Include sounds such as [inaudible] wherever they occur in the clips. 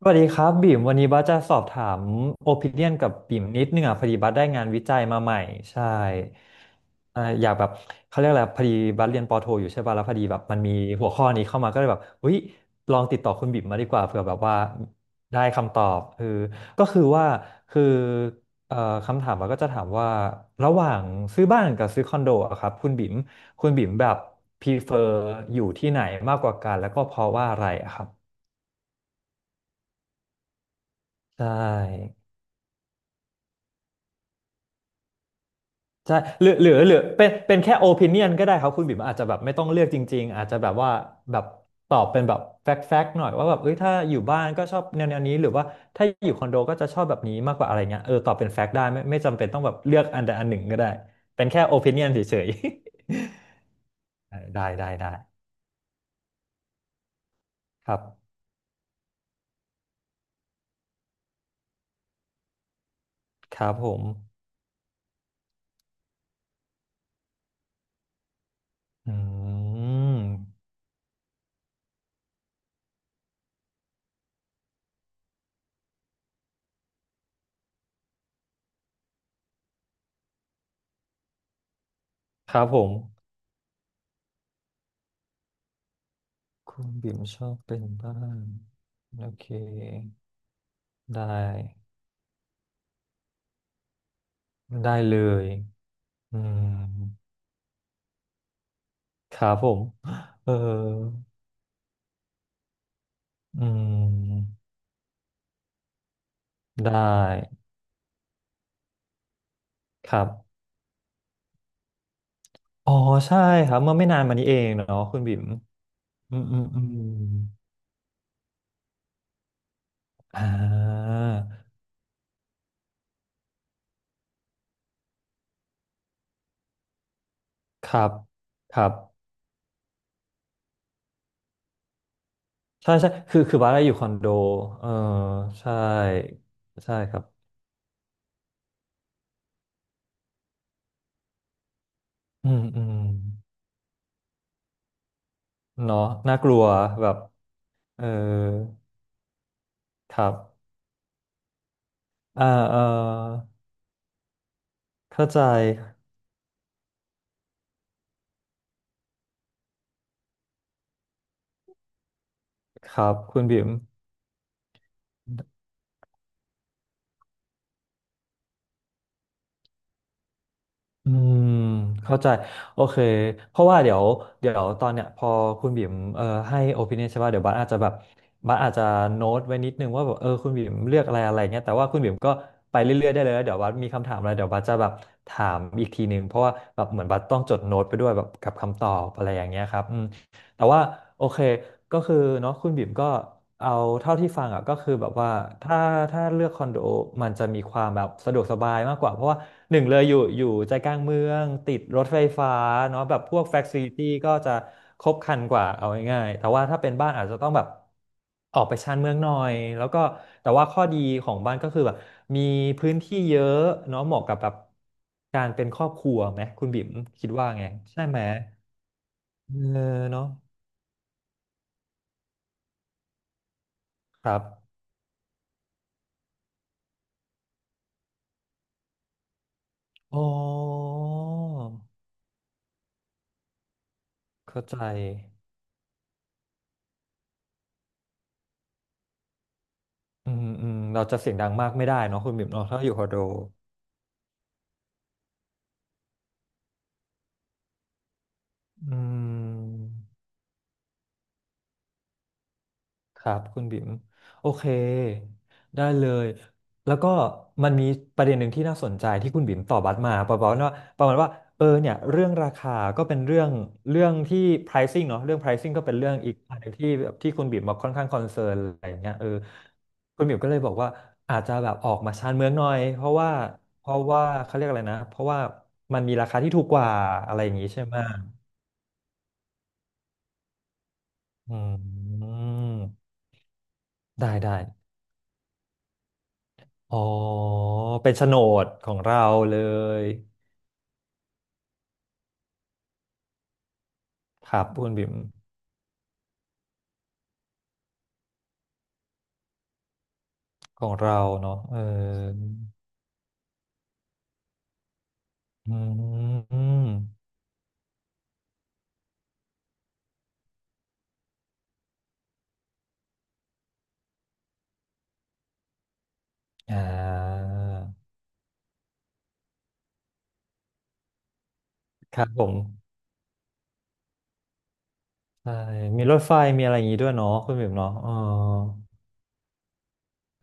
สวัสดีครับบิ่มวันนี้บัสจะสอบถามโอปิเนียนกับบิ่มนิดนึงอ่ะพอดีบัสได้งานวิจัยมาใหม่ใช่อยากแบบเขาเรียกอะไรพอดีบัสเรียนปอโทอยู่ใช่ป่ะแล้วพอดีแบบมันมีหัวข้อนี้เข้ามาก็เลยแบบอุ้ยลองติดต่อคุณบิ่มมาดีกว่าเผื่อแบบว่าได้คำตอบคือก็คือว่าคือเอ่อคำถามบัสก็จะถามว่าระหว่างซื้อบ้านกับซื้อคอนโดอะครับคุณบิ่มคุณบิ่มแบบ prefer อยู่ที่ไหนมากกว่ากันแล้วก็เพราะว่าอะไรอะครับใช่ ใช่หรือหรือเป็นแค่โอปิเนียนก็ได้ครับคุณบิ่มอาจจะแบบไม่ต้องเลือกจริงๆอาจจะแบบว่าแบบตอบเป็นแบบแฟกต์แฟกต์หน่อยว่าแบบเอ้ยถ้าอยู่บ้านก็ชอบแนวแนวนี้หรือว่าถ้าอยู่คอนโดก็จะชอบแบบนี้มากกว่าอะไรเงี้ยเออตอบเป็นแฟกต์ได้ไม่จำเป็นต้องแบบเลือกอันใดอันหนึ่งก็ได้เป็นแค่โอปิเนียนเฉยๆ [laughs] ได้ได้ได้ครับครับผมอืมครับผมคุณบิ่มชอบเป็นบ้านโอเคได้ได้เลยอืม ครับผมเอออืมได้ครับ อ๋อใช่ครับเมื่อไม่นานมานี้เองเนาะคุณบิ๋มอืมอืมอืมอ่าครับ ครับใช่ใช่คือบ้านเราอยู่คอนโดเออใช่ ใช่ครับอืมอืมเนาะน่ากลัวแบบเออครับอ่าเออเข้าใจครับคุณบิ๋ม อืมเข้าใจโอเคเพราะว่าเดี๋ยวเดี๋ยวตอนเนี้ยพอคุณบิ่มให้โอปิเนียใช่ป่ะเดี๋ยวบัสอาจจะแบบบัสอาจจะโน้ตไว้นิดนึงว่าแบบเออคุณบิ่มเลือกอะไรอะไรเงี้ยแต่ว่าคุณบิ่มก็ไปเรื่อยๆได้เลยแล้วเดี๋ยวบัสมีคำถามอะไรเดี๋ยวบัสจะแบบถามอีกทีนึงเพราะว่าแบบเหมือนบัสต้องจดโน้ตไปด้วยแบบกับคำตอบอะไรอย่างเงี้ยครับ แต่ว่าโอเคก็คือเนาะคุณบิ่มก็เอาเท่าที่ฟังอ่ะก็คือแบบว่าถ้าถ้าเลือกคอนโดมันจะมีความแบบสะดวกสบายมากกว่าเพราะว่าหนึ่งเลยอยู่ใจกลางเมืองติดรถไฟฟ้าเนาะแบบพวก f ฟ c ลิ i t y ก็จะครบครันกว่าเอาง่ายๆแต่ว่าถ้าเป็นบ้านอาจจะต้องแบบออกไปชานเมืองหน่อยแล้วก็แต่ว่าข้อดีของบ้านก็คือแบบมีพื้นที่เยอะเนาะเหมาะกับแบบการเป็นครอบครัวไหมคุณบิ่มคิดว่าไงใช่ไหมเออเนาะครับ อ๋อเข้าใจอืมอืมเราจะเสียงดังมากไม่ได้เนาะคุณบิ๊มเนาะถ้าอยู่คอนโดอืม ครับคุณบิ๋มโอเคได้เลยแล้วก็มันมีประเด็นหนึ่งที่น่าสนใจที่คุณบิ๋มตอบบัสมาประมาณว่าเออเนี่ยเรื่องราคาก็เป็นเรื่องเรื่องที่ pricing เนาะเรื่อง pricing ก็เป็นเรื่องอีกอันหนึ่งที่แบบที่คุณบิ๋มมาค่อนข้างคอนเซิร์นอะไรอย่างเงี้ยเออคุณบิ๋มก็เลยบอกว่าอาจจะแบบออกมาชานเมืองหน่อยเพราะว่าเขาเรียกอะไรนะเพราะว่ามันมีราคาที่ถูกกว่าอะไรอย่างงี้ใช่ไหมอืมได้ได้ อ๋อเป็นโฉนดของเราเลยครับคุณบิ๋มของเราเนาะเอออืมอ่าครับผมใช่มีรถไฟมีอะไรอย่างงี้ด้วยเนาะคุณบิ๋มเนาะเออ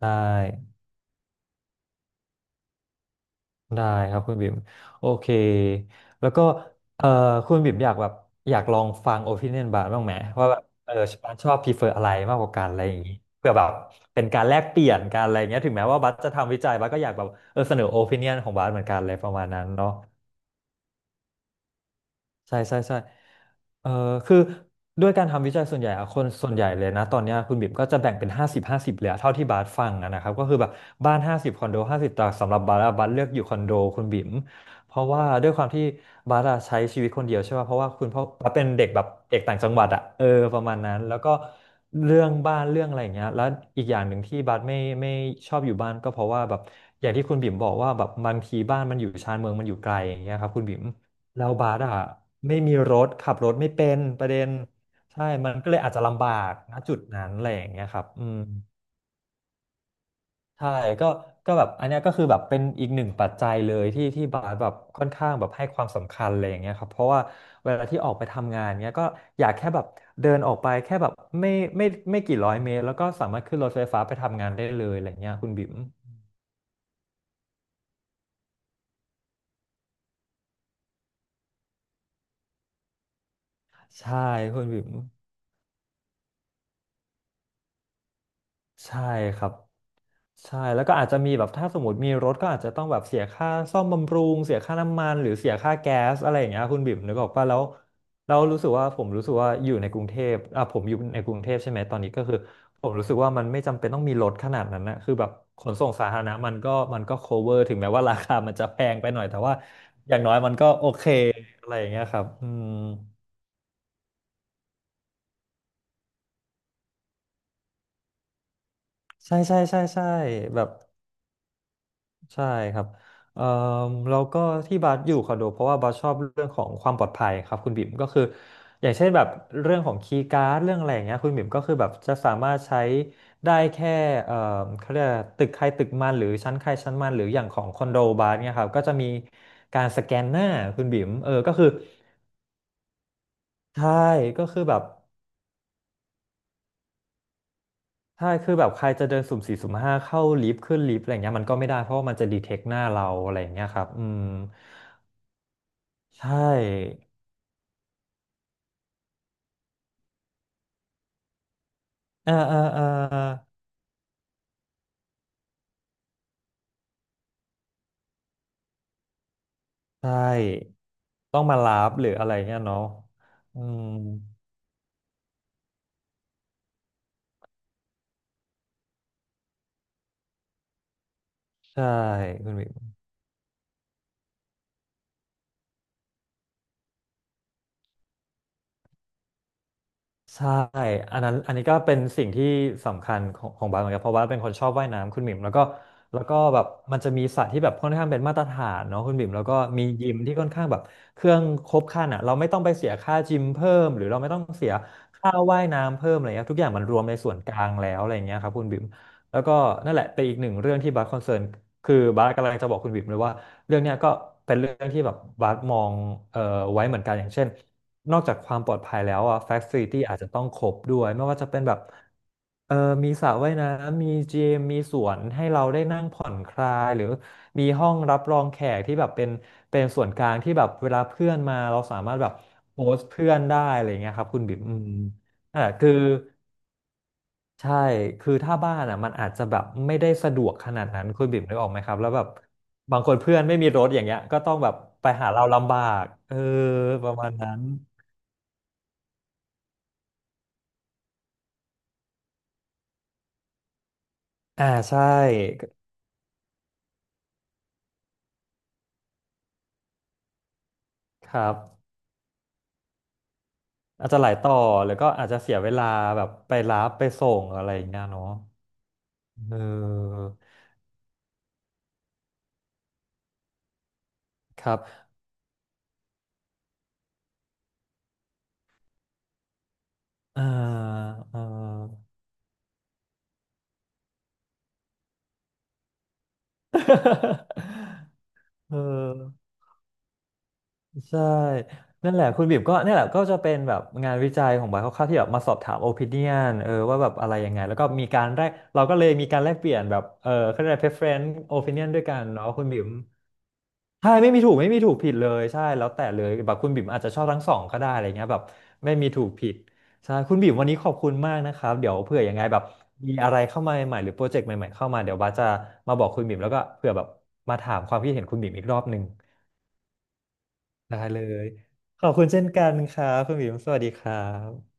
ได้ ได้ครับคุณบิ่มโอเคแล้วก็เอ่อคุณบิ่มอยากแบบอยากลองฟังโอปิเนียนบาร์บ้างไหมว่าแบบเออบัสชอบพรีเฟอร์อะไรมากกว่ากันอะไรอย่างนี้เพื่อแบบเป็นการแลกเปลี่ยนกันอะไรเงี้ยถึงแม้ว่าบัสจะทำวิจัยบัสก็อยากแบบเออเสนอโอปิเนียนของบัสเหมือนกันอะไรประมาณนั้นเนาะ ใช่ใช่ใช่เออคือด้วยการทำวิจัยส่วนใหญ่อะคนส่วนใหญ่เลยนะตอนเนี้ยคุณบิ่มก็จะแบ่งเป็น50 50เลยอะเท่าที่บาสฟังอะนะครับก็คือแบบบ้าน50คอนโด50แต่สำหรับบาสอะบาสเลือกอยู่คอนโดคุณบิ่มเพราะว่าด้วยความที่บาสอะใช้ชีวิตคนเดียวใช่ป่ะเพราะว่าคุณพ่อบาสเป็นเด็กแบบเด็กต่างจังหวัดอะประมาณนั้นแล้วก็เรื่องบ้านเรื่องอะไรอย่างเงี้ยแล้วอีกอย่างหนึ่งที่บาสไม่ชอบอยู่บ้านก็เพราะว่าแบบอย่างที่คุณบิ่มบอกว่าแบบบางทีบ้านมันอยู่ชานเมืองมันอยู่ไกลอย่างเงี้ยครับคุณบิม แล้วบาสอ่ะไม่มีรถขับรถไม่เป็นประเด็นใช่มันก็เลยอาจจะลำบากณจุดนั้นอะไรอย่างเงี้ยครับอืมใช่ก็ก็แบบอันเนี้ยก็คือแบบเป็นอีกหนึ่งปัจจัยเลยที่บาสแบบค่อนข้างแบบให้ความสำคัญอะไรอย่างเงี้ยครับเพราะว่าเวลาที่ออกไปทำงานเงี้ยก็อยากแค่แบบเดินออกไปแค่แบบไม่ไม่ไม่กี่ร้อยเมตรแล้วก็สามารถขึ้นรถไฟฟ้าไปทำงานได้เลยอะไรเงี้ยคุณบิ๋มใช่คุณบิ๋มใช่ครับ ใช่แล้วก็อาจจะมีแบบถ้าสมมติมีรถก็อาจจะต้องแบบเสียค่าซ่อมบำรุงเสียค่าน้ำมันหรือเสียค่าแก๊สอะไรอย่างเงี้ยคุณบิ่มนึกออกป่ะแล้วเรารู้สึกว่าผมรู้สึกว่าอยู่ในกรุงเทพอ่ะผมอยู่ในกรุงเทพใช่ไหมตอนนี้ก็คือผมรู้สึกว่ามันไม่จำเป็นต้องมีรถขนาดนั้นนะคือแบบขนส่งสาธารณะมันก็ cover ถึงแม้ว่าราคามันจะแพงไปหน่อยแต่ว่าอะไรอย่างเงี้ยครับอืมใช่ใช่ใช่ใช่แบบ ใช่ครับเอ่อแล้วก็ที่บาสอยู่คอนโดเพราะว่าบาสชอบเรื่องของความปลอดภัยครับคุณบิ่มก็คืออย่างเช่นแบบเรื่องของคีย์การ์ดเรื่องอะไรอย่างเงี้ยคุณบิ่มก็คือแบบจะสามารถใช้ได้แค่เอ่อเขาเรียกอะไรตึกใครตึกมันหรือชั้นใครชั้นมันหรืออย่างของคอนโดบาสเนี่ยครับก็จะมีการสแกนหน้าคุณบิ่มเออก็คือใช่ก็คือแบบใช่คือแบบใครจะเดินสุ่มสี่สุ่มห้าเข้าลิฟต์ขึ้นลิฟต์อะไรเงี้ยมันก็ไม่ได้เพราะว่ามันจะดีเทคหน้าเราอะไรอย่างเงี้ยครับอืมใช่ อ่าอ่าอ่าใช่ต้องมารับหรืออะไรเงี้ยเนาะอืมใช่คุณวิ ใช่อันนั้นอันนี้ก็เป็นสิ่งที่สำคัญของของบาสเหมือนกันเพราะว่าเป็นคนชอบว่ายน้ำคุณหมิมแล้วก็แล้วก็แบบมันจะมีสระที่แบบค่อนข้างเป็นมาตรฐานเนาะคุณหมิมแล้วก็มียิมที่ค่อนข้างแบบเครื่องครบครันอ่ะเราไม่ต้องไปเสียค่าจิมเพิ่มหรือเราไม่ต้องเสียค่าว่ายน้ำเพิ่มอะไรเงี้ยทุกอย่างมันรวมในส่วนกลางแล้วอะไรเงี้ยครับคุณบิมแล้วก็นั่นแหละเป็นอีกหนึ่งเรื่องที่บาสคอนเซิร์นคือบาสกำลังจะบอกคุณบิมเลยว่าเรื่องเนี้ยก็เป็นเรื่องที่แบบบาสมองเอ่อไว้เหมือนกันอย่างเช่น นอกจากความปลอดภัยแล้วอ่ะ Facility อาจจะต้องครบด้วยไม่ว่าจะเป็นแบบเออมีสระว่ายน้ำมีจิมมีสวนให้เราได้นั่งผ่อนคลายหรือมีห้องรับรองแขกที่แบบเป็นส่วนกลางที่แบบเวลาเพื่อนมาเราสามารถแบบโพสต์เพื่อนได้อะไรเงี้ยครับคุณบิ๊มอืมนั่นแหละคือใช่คือถ้าบ้านอ่ะมันอาจจะแบบไม่ได้สะดวกขนาดนั้นคุณบิ๊มนึกออกไหมครับแล้วแบบบางคนเพื่อนไม่มีรถอย่างเงี้ยก็ต้องแบบไปหาเราลำบากเออประมาณนั้น อ่าใช่ครับอาจจะหลายต่อหรือก็อาจจะเสียเวลาแบบไปรับไปส่งอะไรอย่างเงี้ยเนาะเออครับเออเออ [laughs] เออใช่นั่นแหละคุณบิบก็เนี่ยแหละก็จะเป็นแบบงานวิจัยของบอยคร่าวๆที่แบบมาสอบถามโอปิเอีนเออว่าแบบอะไรยังไงแล้วก็มีการแลกเราก็เลยมีการแลกเปลี่ยนแบบเออเขาเรียกอะไร preference opinion ด้วยกันเนาะคุณบิ๋ม ใช่ไม่มีถูกไม่มีถูกผิดเลยใช่แล้วแต่เลยแบบคุณบิ่มอาจจะชอบทั้งสองก็ได้อะไรเงี้ยแบบไม่มีถูกผิดใช่คุณบิ่มวันนี้ขอบคุณมากนะครับเดี๋ยวเผื่อยังไงแบบมีอะไรเข้ามาใหม่ๆหรือโปรเจกต์ใหม่ๆเข้ามาเดี๋ยวบาสจะมาบอกคุณบิ่มแล้วก็เผื่อแบบมาถามความคิดเห็นคุณบิ่มอีกรอบหนึ่งได้เลยขอบคุณเช่นกันครับคุณบิ่มสวัสดีครับ